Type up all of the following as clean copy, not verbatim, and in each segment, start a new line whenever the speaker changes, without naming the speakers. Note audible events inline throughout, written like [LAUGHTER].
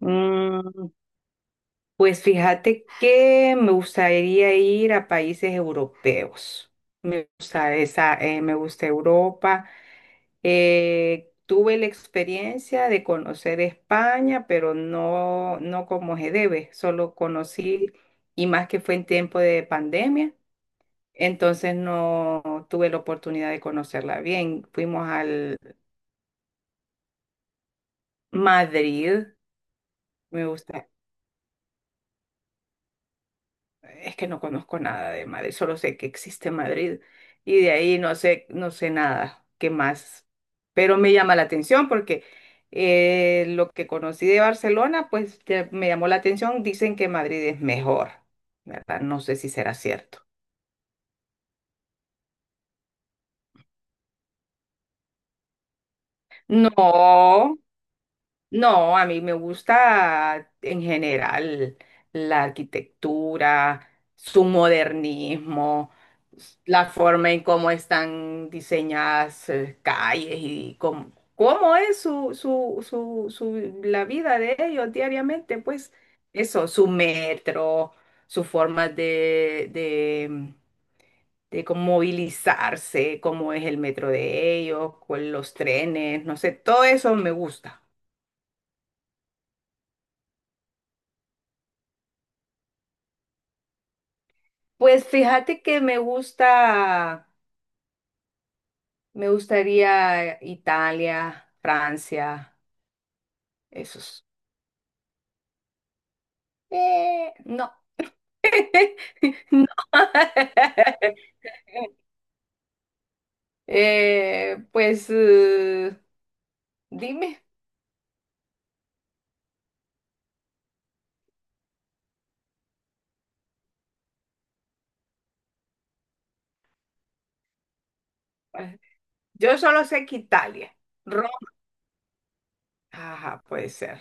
Mm, pues fíjate que me gustaría ir a países europeos. Me gusta esa, me gusta Europa. Tuve la experiencia de conocer España, pero no, no como se debe. Solo conocí, y más que fue en tiempo de pandemia, entonces no tuve la oportunidad de conocerla bien. Fuimos al Madrid. Me gusta. Es que no conozco nada de Madrid, solo sé que existe Madrid y de ahí no sé, no sé nada, qué más. Pero me llama la atención porque lo que conocí de Barcelona, pues ya me llamó la atención. Dicen que Madrid es mejor, ¿verdad? No sé si será cierto. No, no, a mí me gusta en general la arquitectura, su modernismo, la forma en cómo están diseñadas calles y cómo, cómo es la vida de ellos diariamente, pues eso, su metro, su forma de cómo movilizarse, cómo es el metro de ellos, con los trenes, no sé, todo eso me gusta. Pues fíjate que me gusta, me gustaría Italia, Francia, esos. No, [LAUGHS] no. [LAUGHS] Eh, pues eh, dime. Yo solo sé que Italia, Roma, ajá, puede ser.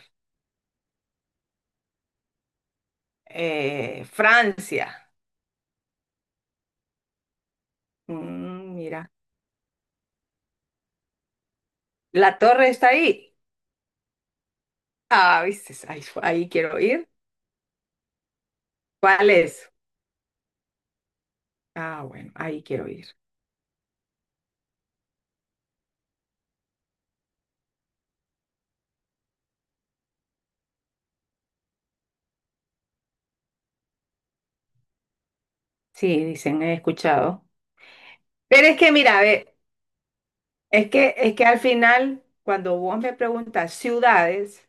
Francia. Mm, mira, la torre está ahí. Ah, viste, ahí, ahí quiero ir. ¿Cuál es? Ah, bueno, ahí quiero ir. Sí, dicen, he escuchado. Pero es que, mira, ve, es que al final, cuando vos me preguntas ciudades,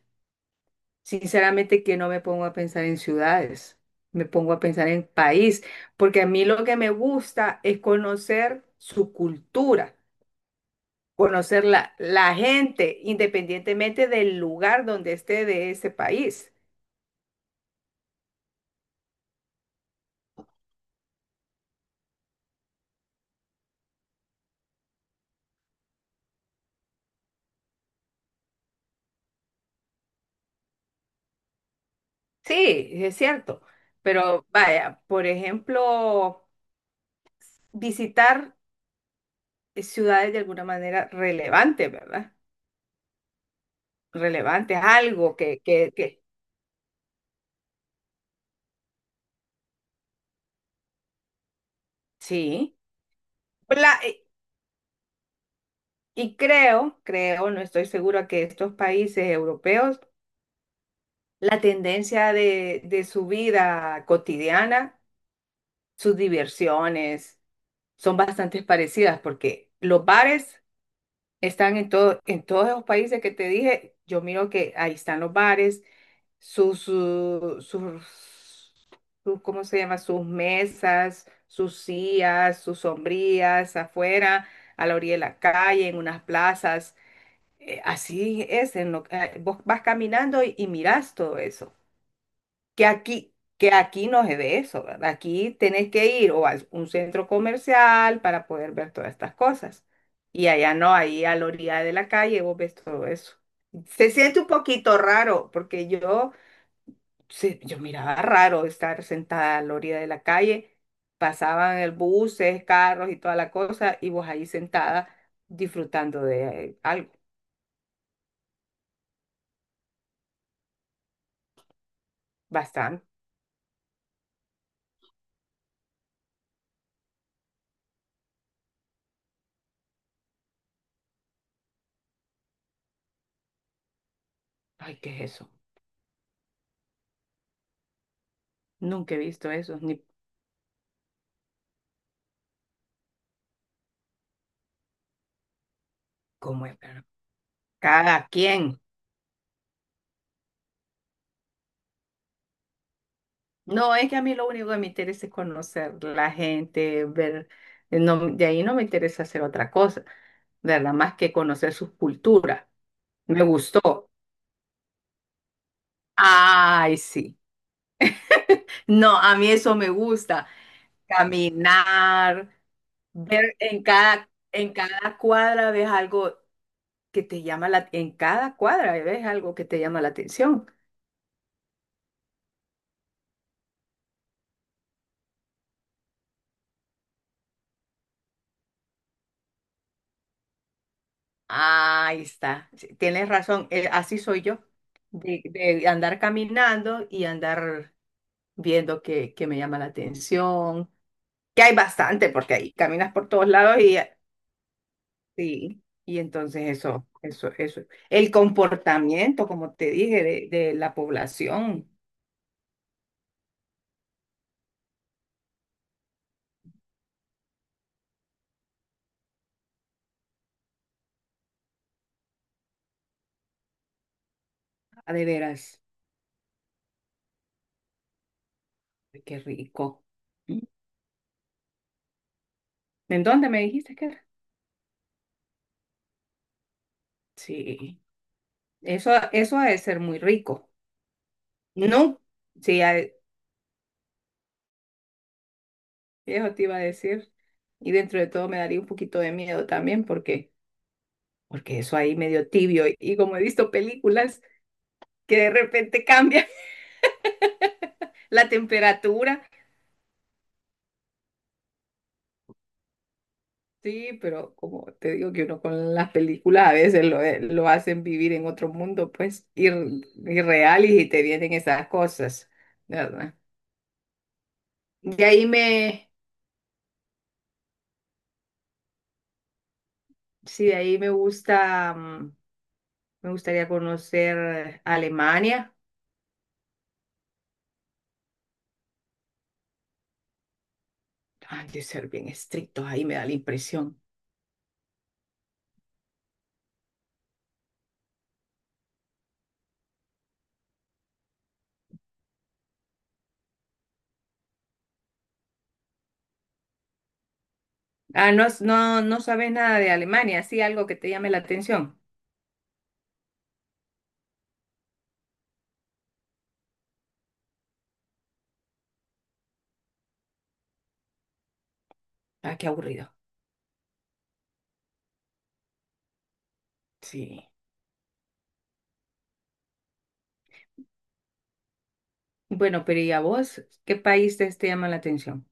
sinceramente que no me pongo a pensar en ciudades, me pongo a pensar en país, porque a mí lo que me gusta es conocer su cultura, conocer la gente, independientemente del lugar donde esté de ese país. Sí, es cierto, pero vaya, por ejemplo, visitar ciudades de alguna manera relevantes, ¿verdad? Relevantes, algo que sí. La- y y creo, no estoy segura que estos países europeos, la tendencia de su vida cotidiana, sus diversiones, son bastante parecidas porque los bares están en todo, en todos esos países que te dije, yo miro que ahí están los bares sus, su- sus, sus- ¿cómo se llama? Sus mesas, sus sillas, sus sombrillas afuera, a la orilla de la calle, en unas plazas. Así es, en lo, vos vas caminando y mirás todo eso. Que aquí no es de eso, ¿verdad? Aquí tenés que ir o a un centro comercial para poder ver todas estas cosas. Y allá no, ahí a la orilla de la calle vos ves todo eso. Se siente un poquito raro porque yo miraba raro estar sentada a la orilla de la calle, pasaban el buses, carros y toda la cosa, y vos ahí sentada disfrutando de algo, bastante. Ay, ¿qué es eso? Nunca he visto eso, ni cómo es, pero cada quien. No, es que a mí lo único que me interesa es conocer la gente, ver, no, de ahí no me interesa hacer otra cosa, ¿verdad? Más que conocer sus culturas. Me gustó. Ay, sí. No, a mí eso me gusta, caminar, ver en cada cuadra ves algo que te llama la, en cada cuadra ves algo que te llama la atención. Ahí está, sí, tienes razón, así soy yo, de andar caminando y andar viendo que me llama la atención, que hay bastante, porque ahí caminas por todos lados y, sí, y entonces eso. El comportamiento, como te dije, de la población. Ah, de veras. Qué rico. ¿Mm? ¿En dónde me dijiste que era? Sí, eso ha de ser muy rico. No, sí, eso te iba a decir. Y dentro de todo me daría un poquito de miedo también porque, porque eso ahí medio tibio. Y como he visto películas que de repente cambia [LAUGHS] la temperatura. Sí, pero como te digo que uno con las películas a veces lo hacen vivir en otro mundo, pues, irreal y te vienen esas cosas, ¿verdad? De ahí me... Sí, de ahí me gusta, me gustaría conocer Alemania. Ay, de ser bien estrictos, ahí me da la impresión. Ah, no, no, no sabes nada de Alemania, sí, algo que te llame la atención. Ah, qué aburrido. Sí. Bueno, pero ¿y a vos? ¿Qué país te llama la atención?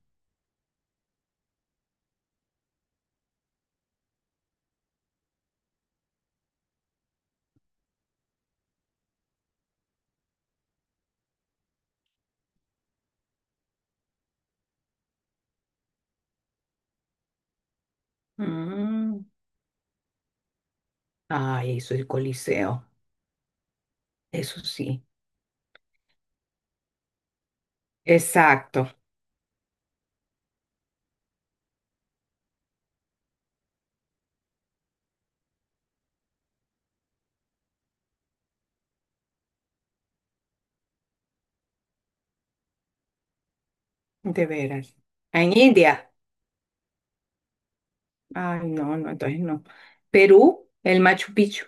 Mm. Ay, soy el Coliseo. Eso sí, exacto, de veras. En India, ay, no, no, entonces no. Perú, el Machu Picchu,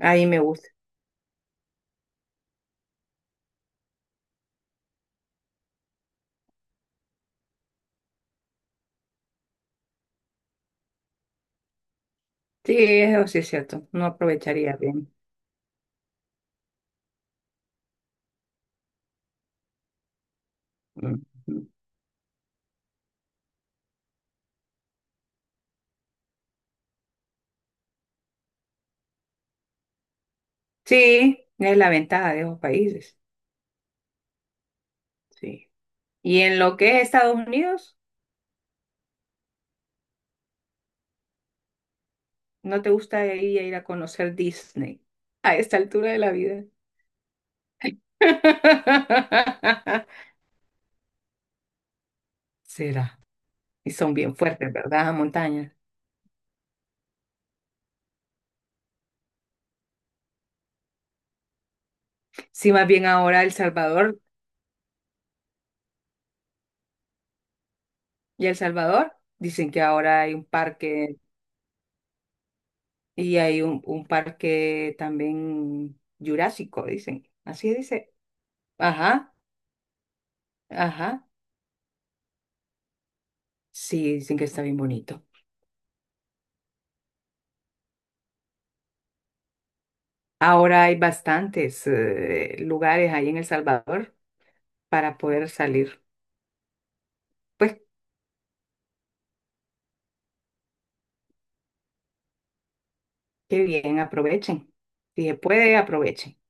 ahí me gusta. Sí, eso sí es cierto, no aprovecharía bien. Ujú. Sí, es la ventaja de esos países. Sí. Y en lo que es Estados Unidos, ¿no te gusta ir a conocer Disney a esta altura de la vida? [LAUGHS] Será. Y son bien fuertes, ¿verdad? Las montañas. Sí, más bien ahora El Salvador. Y El Salvador, dicen que ahora hay un parque y hay un parque también jurásico, dicen. Así dice. Ajá, ajá. Sí, dicen que está bien bonito. Ahora hay bastantes lugares ahí en El Salvador para poder salir. Pues qué bien, aprovechen. Si se puede, aprovechen.